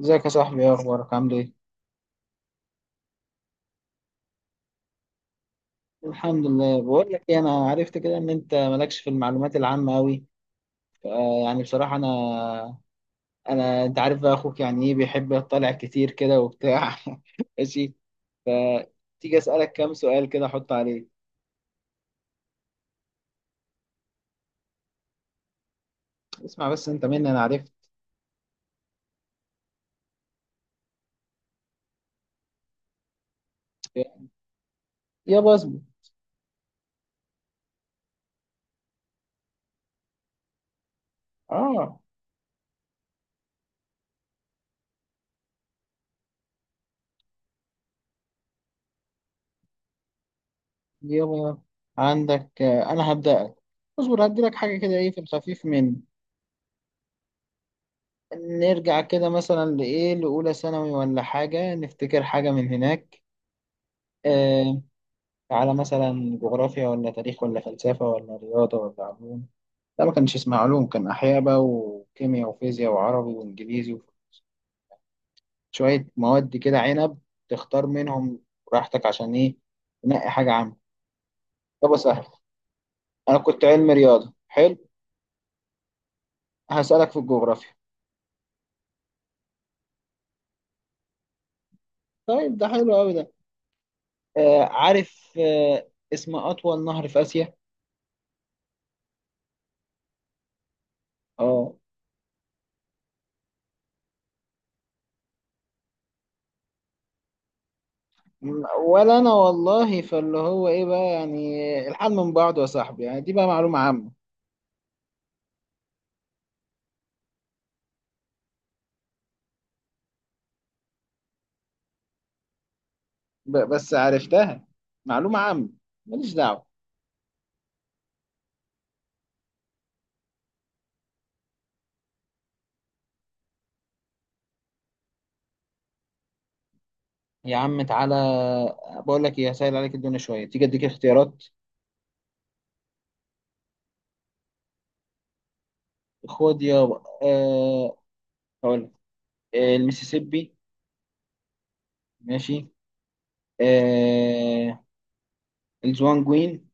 ازيك يا صاحبي؟ ايه اخبارك؟ عامل ايه؟ الحمد لله. بقول لك ايه، انا عرفت كده ان انت مالكش في المعلومات العامه قوي. يعني بصراحه انا، انت عارف بقى اخوك يعني، ايه، بيحب يطلع كتير كده وبتاع. ماشي. تيجي اسالك كام سؤال كده احط عليه؟ اسمع بس، انت مني انا عرفت. يابا اصبر. اه. يابا عندك، انا هبدأك. اصبر هدي لك حاجه كده، ايه في الخفيف مني. نرجع كده مثلا لايه، لاولى ثانوي ولا حاجه، نفتكر حاجه من هناك. آه، على مثلا جغرافيا ولا تاريخ ولا فلسفة ولا رياضة ولا علوم. لا، ما كانش اسمها علوم، كان أحياء بقى وكيمياء وفيزياء وعربي وإنجليزي. وشوية مواد كده عنب، تختار منهم براحتك، عشان إيه؟ تنقي حاجة عامة. طب سهل. أنا كنت علم رياضة حلو. هسألك في الجغرافيا. طيب ده حلو أوي ده. آه، عارف. اسم أطول نهر في آسيا؟ اه. ولا أنا والله، فاللي هو إيه بقى، يعني الحال من بعضه يا صاحبي، يعني دي بقى معلومة عامة. بس عرفتها، معلومة عامة، ماليش دعوة. يا عم تعالى، بقول لك ايه، هسهل عليك الدنيا شوية، تيجي اديك اختيارات. خد يا، أه... هقول لك، المسيسيبي. ماشي. أه... الزوانجوين،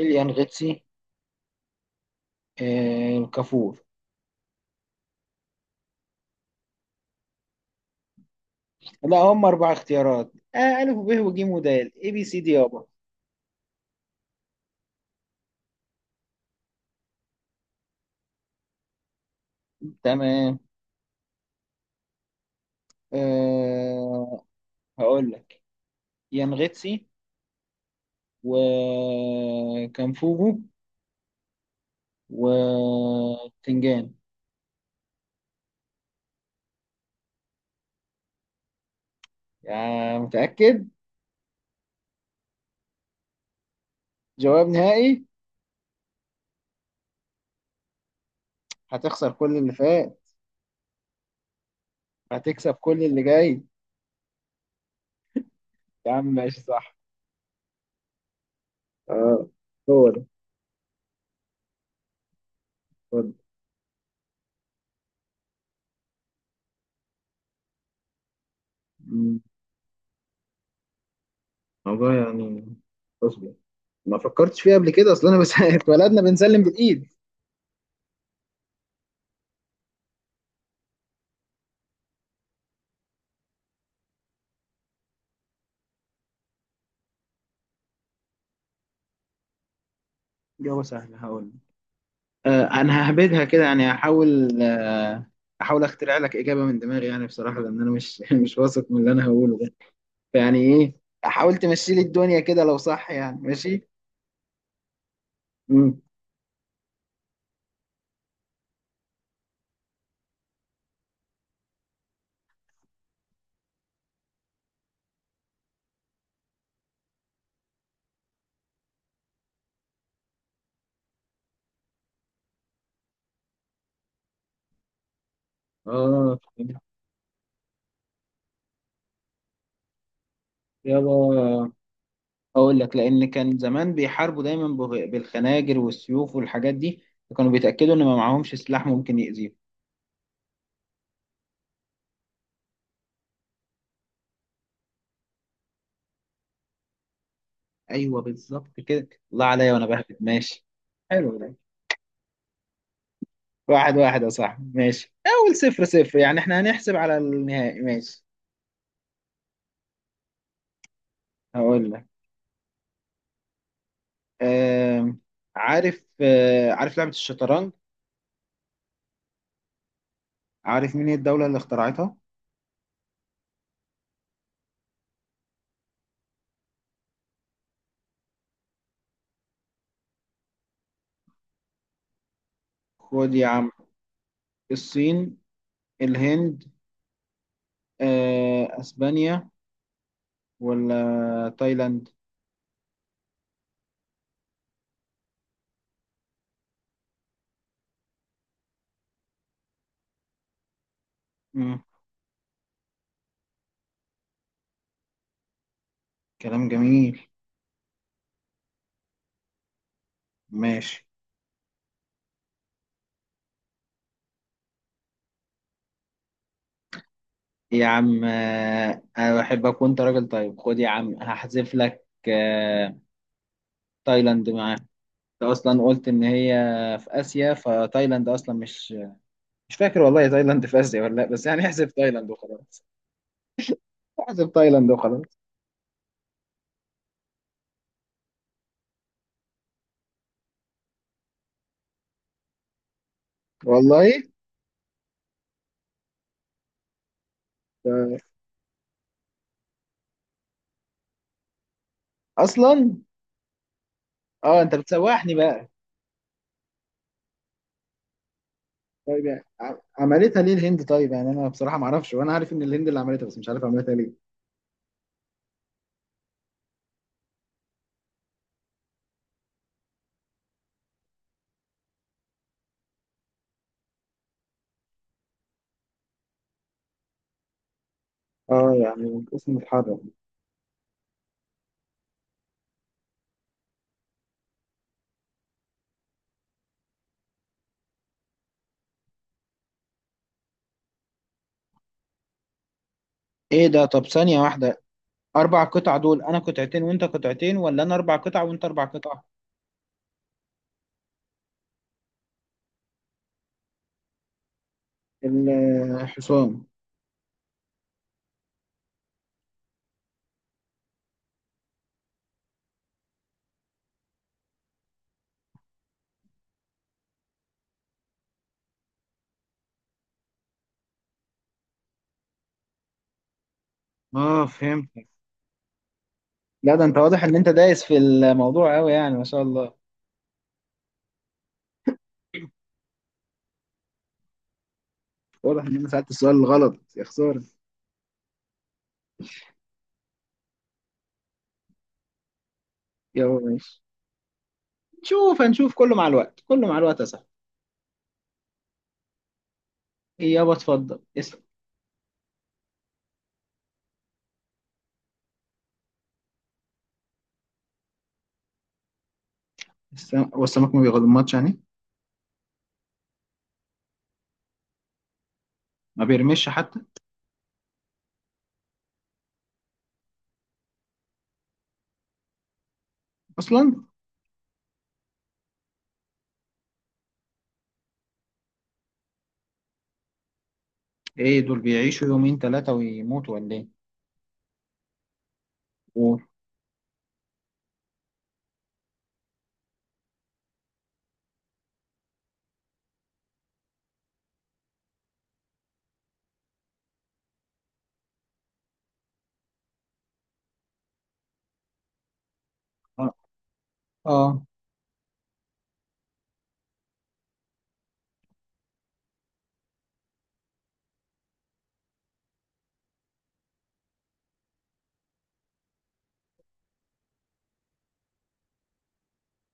اليانغتسي، الكافور. لا هم اربع اختيارات، آه، ألف وب وج ودال، ABCD يابا. تمام. أه... هقول لك، يانغتسي وكانفوجو وتنجان. يا متأكد؟ جواب نهائي؟ هتخسر كل اللي فات، هتكسب كل اللي جاي. يا عم ماشي، صح. اه، هو ده، هو ده. مم. والله يعني، اصبر، ما فكرتش فيها قبل كده، اصل انا بس اتولدنا بنسلم بالايد. جواب سهل هقول. آه، انا ههبدها كده يعني، هحاول، احاول اخترع لك اجابه من دماغي يعني بصراحه، لان انا مش مش واثق من اللي انا هقوله ده. يعني ايه؟ حاول تمشي لي الدنيا كده، لو صح يعني، ماشي. امم. اه. يلا، اقول لك، لان كان زمان بيحاربوا دايما بالخناجر والسيوف والحاجات دي، فكانوا بيتاكدوا ان ما معاهمش سلاح ممكن يأذيهم. ايوه، بالظبط كده، الله عليا وانا بهبد، ماشي. حلو ده. واحد واحد يا صاحبي، ماشي، اول صفر صفر، يعني احنا هنحسب على النهائي، ماشي. هقول لك، آم، عارف، عارف لعبة الشطرنج؟ عارف مين هي الدولة اللي اخترعتها؟ خد يا عم، الصين، الهند، اسبانيا، ولا تايلاند؟ مم. كلام جميل. ماشي يا عم، انا بحبك وانت راجل طيب، خد يا عم هحذف لك. تايلاند معاه. انت اصلا قلت ان هي في اسيا، فتايلاند اصلا مش، مش فاكر والله تايلاند في اسيا ولا لا، بس يعني احذف تايلاند وخلاص. احذف تايلاند وخلاص. والله، آه، اصلا، اه انت بتسوحني بقى. طيب يعني عملتها ليه الهند؟ طيب يعني انا بصراحه ما اعرفش، وانا عارف ان الهند اللي عملتها بس مش عارف عملتها ليه. اه، يعني الاسم اتحرك. ايه ده؟ طب ثانيه واحده، اربع قطع دول، انا قطعتين وانت قطعتين، ولا انا اربع قطع وانت اربع قطع؟ الحصان. اه فهمت. لا ده انت واضح ان انت دايس في الموضوع قوي، يعني ما شاء الله. واضح ان انا سألت السؤال الغلط، يا خسارة. يابا ماشي. نشوف، هنشوف كله مع الوقت، كله مع الوقت يا صاحبي. إيه يابا؟ اتفضل اسلم. هو السمك ما بيغمضش يعني؟ ما بيرمش حتى؟ اصلا؟ ايه دول بيعيشوا يومين ثلاثة ويموتوا ولا ايه؟ قول. اه. آه.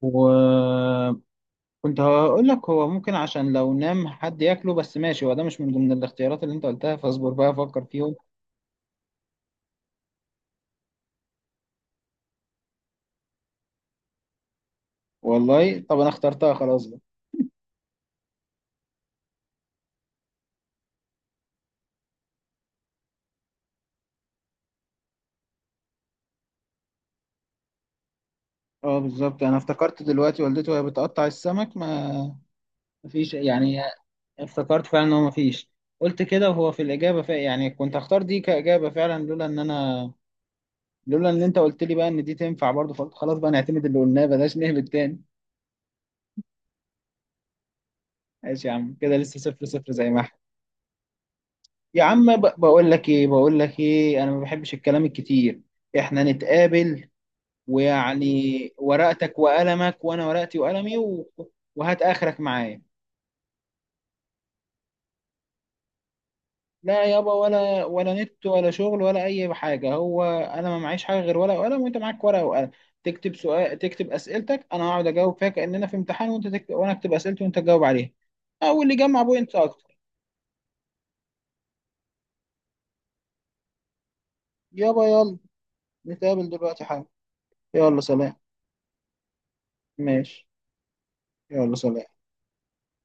و كنت هقول لك هو ممكن عشان لو نام حد ياكله، بس ماشي، هو ده مش من ضمن الاختيارات اللي انت قلتها، فاصبر بقى افكر فيهم. والله طب انا اخترتها خلاص بقى. اه بالظبط، انا افتكرت دلوقتي والدته وهي بتقطع السمك، ما، مفيش يعني، افتكرت فعلا ان هو مفيش. قلت كده وهو في الاجابه فعلا، يعني كنت هختار دي كاجابه فعلا لولا ان انا، لولا ان انت قلت لي بقى ان دي تنفع برضه، فقلت خلاص بقى نعتمد اللي قلناه بلاش نهبط تاني. ماشي يا عم، كده لسه صفر صفر زي ما احنا. يا عم بقول لك ايه، انا ما بحبش الكلام الكتير. احنا نتقابل، ويعني ورقتك وقلمك وانا ورقتي وقلمي و، وهات اخرك معايا. لا يابا، ولا نت ولا شغل ولا اي حاجه، هو انا ما معيش حاجه غير ورقه وقلم وانت معاك ورقه وقلم، تكتب سؤال، تكتب اسئلتك، انا هقعد اجاوب فيها كاننا في امتحان، وانت تكتب وانا اكتب اسئلتي وانت تجاوب عليها، او اللي يجمع بوينتس اكتر. يابا يلا، نتقابل دلوقتي حالا. يلا سلام. ماشي. يلا سلام.